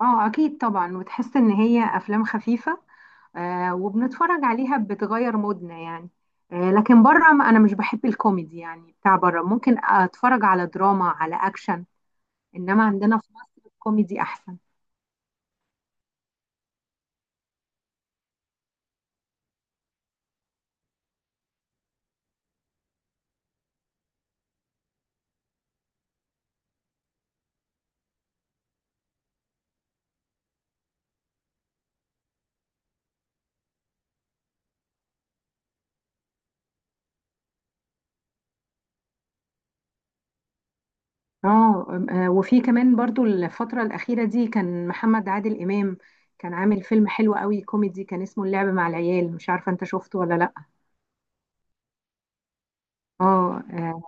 اه، اكيد طبعا وتحس ان هي افلام خفيفه. وبنتفرج عليها بتغير مودنا يعني. لكن بره ما انا مش بحب الكوميدي يعني، بتاع بره ممكن اتفرج على دراما على اكشن. انما عندنا في مصر الكوميدي احسن. وفي كمان برضو الفتره الاخيره دي كان محمد عادل امام، كان عامل فيلم حلو قوي كوميدي كان اسمه اللعب مع العيال. مش عارفه انت شفته ولا لا؟ اه آه،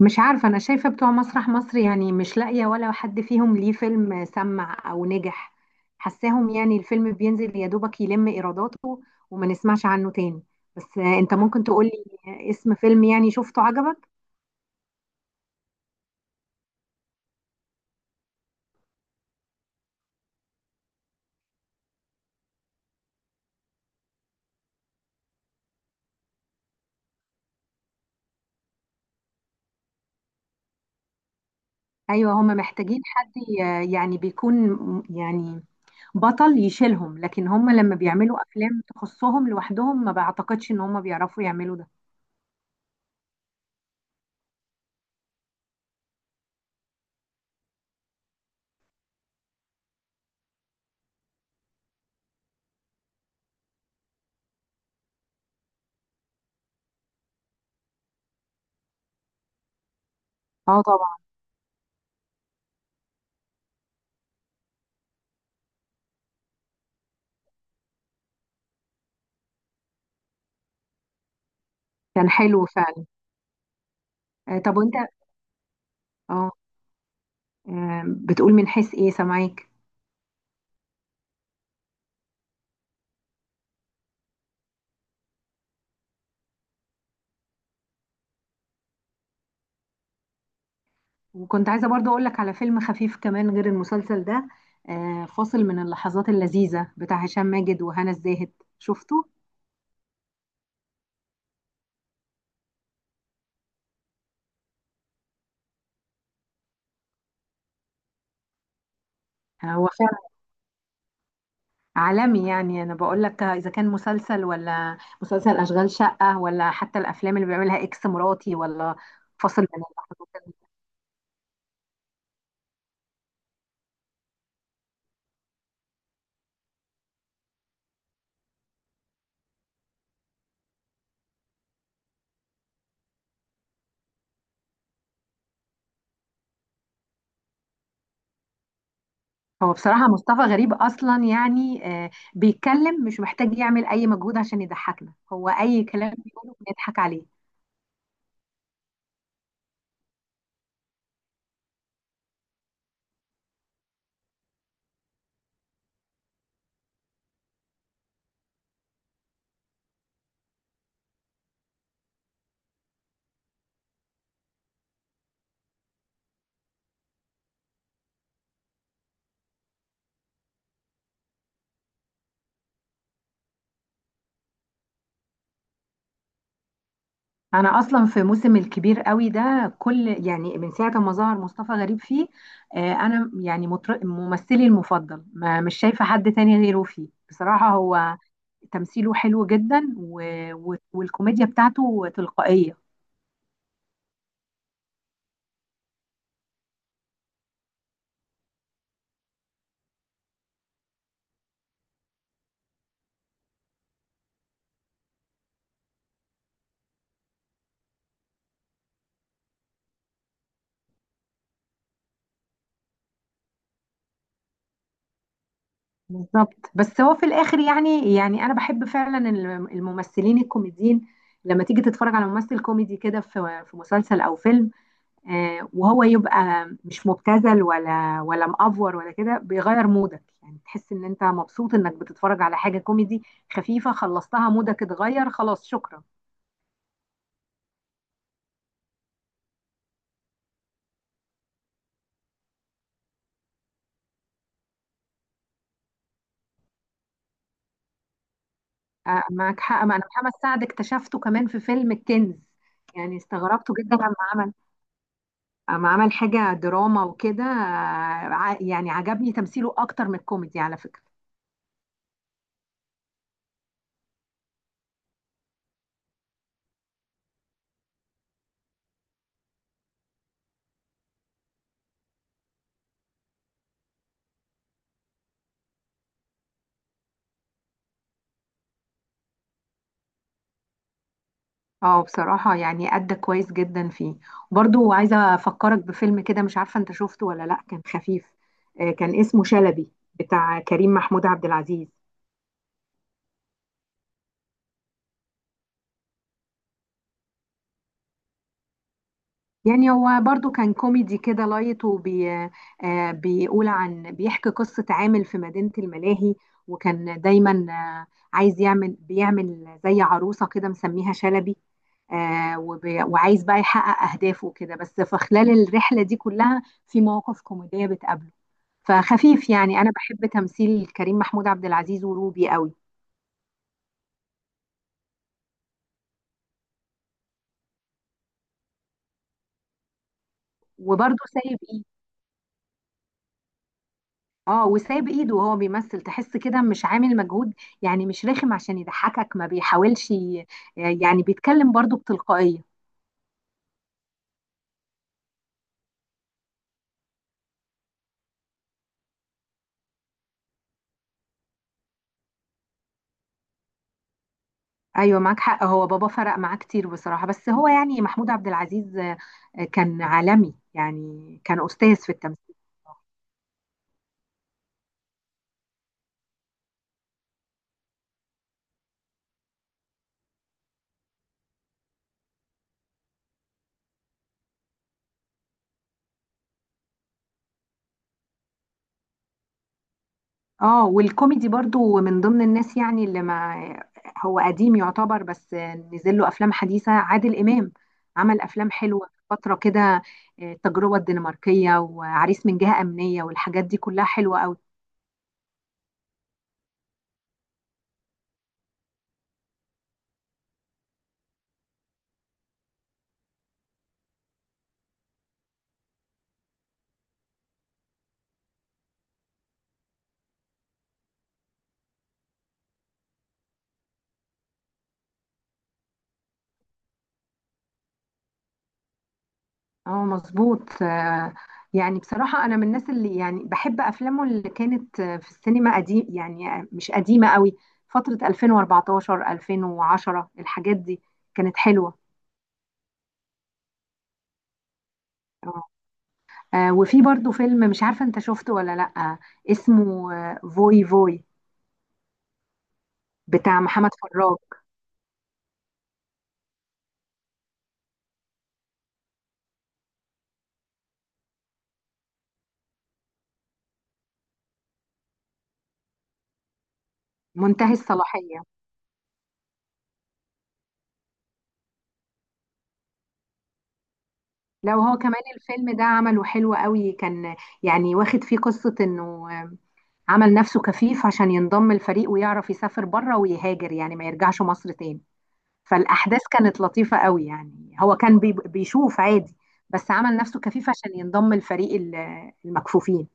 مش عارفة، أنا شايفة بتوع مسرح مصر يعني مش لاقية ولا حد فيهم ليه فيلم سمع أو نجح. حساهم يعني الفيلم بينزل يا دوبك يلم إيراداته وما نسمعش عنه تاني. بس أنت ممكن تقولي اسم فيلم يعني شفته عجبك؟ أيوة هما محتاجين حد يعني بطل يشيلهم، لكن هما لما بيعملوا أفلام تخصهم لوحدهم ما بعتقدش إن هما بيعرفوا يعملوا ده. اه طبعا. كان حلو فعلا. طب وأنت؟ اه بتقول من حيث إيه؟ سامعاك. وكنت عايزة برضو أقولك على فيلم خفيف كمان غير المسلسل ده. فاصل من اللحظات اللذيذة، بتاع هشام ماجد وهنا الزاهد. شفته؟ هو فعلا عالمي. يعني أنا بقولك، إذا كان مسلسل ولا مسلسل أشغال شقة ولا حتى الأفلام اللي بيعملها إكس مراتي ولا فاصل من اللحظات اللذيذة. هو بصراحة مصطفى غريب أصلا يعني، بيتكلم مش محتاج يعمل أي مجهود عشان يضحكنا، هو أي كلام بيقوله بنضحك عليه. انا اصلا في موسم الكبير قوي ده، كل يعني من ساعه ما ظهر مصطفى غريب فيه، انا يعني ممثلي المفضل، ما مش شايفه حد تاني غيره فيه بصراحه. هو تمثيله حلو جدا والكوميديا بتاعته تلقائيه. بالظبط. بس هو في الاخر يعني انا بحب فعلا الممثلين الكوميديين. لما تيجي تتفرج على ممثل كوميدي كده في مسلسل او فيلم، وهو يبقى مش مبتذل ولا مأفور ولا كده، بيغير مودك. يعني تحس ان انت مبسوط انك بتتفرج على حاجة كوميدي خفيفة، خلصتها مودك اتغير خلاص، شكرا. معك حق. ما انا محمد سعد اكتشفته كمان في فيلم الكنز. يعني استغربته جدا لما عمل حاجة دراما وكده، يعني عجبني تمثيله اكتر من الكوميدي على فكرة. اه، بصراحة يعني أدى كويس جدا فيه. برضو عايزة أفكرك بفيلم كده، مش عارفة أنت شفته ولا لأ، كان خفيف. كان اسمه شلبي، بتاع كريم محمود عبد العزيز. يعني هو برضو كان كوميدي كده لايت وبي آه، بيقول عن بيحكي قصة عامل في مدينة الملاهي، وكان دايما آه، عايز يعمل بيعمل زي عروسة كده مسميها شلبي. وعايز بقى يحقق أهدافه كده، بس في خلال الرحلة دي كلها في مواقف كوميدية بتقابله. فخفيف يعني، انا بحب تمثيل كريم محمود عبد العزيز وروبي قوي. وبرضه سايب ايد اه وسايب ايده، وهو بيمثل تحس كده مش عامل مجهود. يعني مش رخم عشان يضحكك، ما بيحاولش يعني بيتكلم برضه بتلقائية. ايوه معاك حق، هو بابا فرق معاه كتير بصراحة. بس هو يعني محمود عبد العزيز كان عالمي يعني، كان استاذ في التمثيل. اه، والكوميدي برضو من ضمن الناس يعني اللي ما... هو قديم يعتبر بس نزل له افلام حديثه. عادل امام عمل افلام حلوه في فتره كده، التجربه الدنماركيه وعريس من جهه امنيه والحاجات دي كلها حلوه قوي. اه مظبوط. يعني بصراحه انا من الناس اللي يعني بحب افلامه اللي كانت في السينما قديم، يعني مش قديمه قوي. فتره 2014 2010 الحاجات دي كانت حلوه. آه. وفي برضو فيلم مش عارفة انت شفته ولا لأ، اسمه فوي فوي، بتاع محمد فراج. منتهي الصلاحية. لو هو كمان الفيلم ده عمله حلو قوي كان. يعني واخد فيه قصة انه آه، عمل نفسه كفيف عشان ينضم الفريق ويعرف يسافر بره ويهاجر، يعني ما يرجعش مصر تاني. فالأحداث كانت لطيفة قوي، يعني هو كان بيشوف عادي، بس عمل نفسه كفيف عشان ينضم الفريق المكفوفين.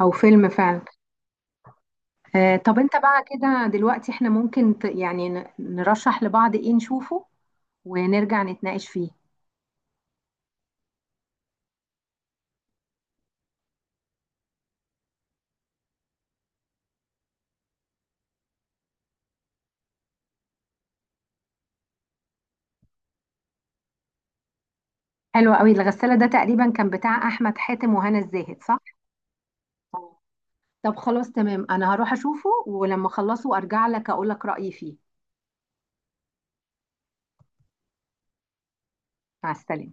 أو فيلم فعلا. طب انت بقى كده دلوقتي احنا ممكن نرشح لبعض ايه نشوفه ونرجع نتناقش فيه. حلو قوي، الغسالة ده تقريبا كان بتاع احمد حاتم وهنا الزاهد، صح؟ آه. طب خلاص تمام، انا هروح اشوفه ولما اخلصه ارجع لك اقول لك رأيي فيه. مع السلامة.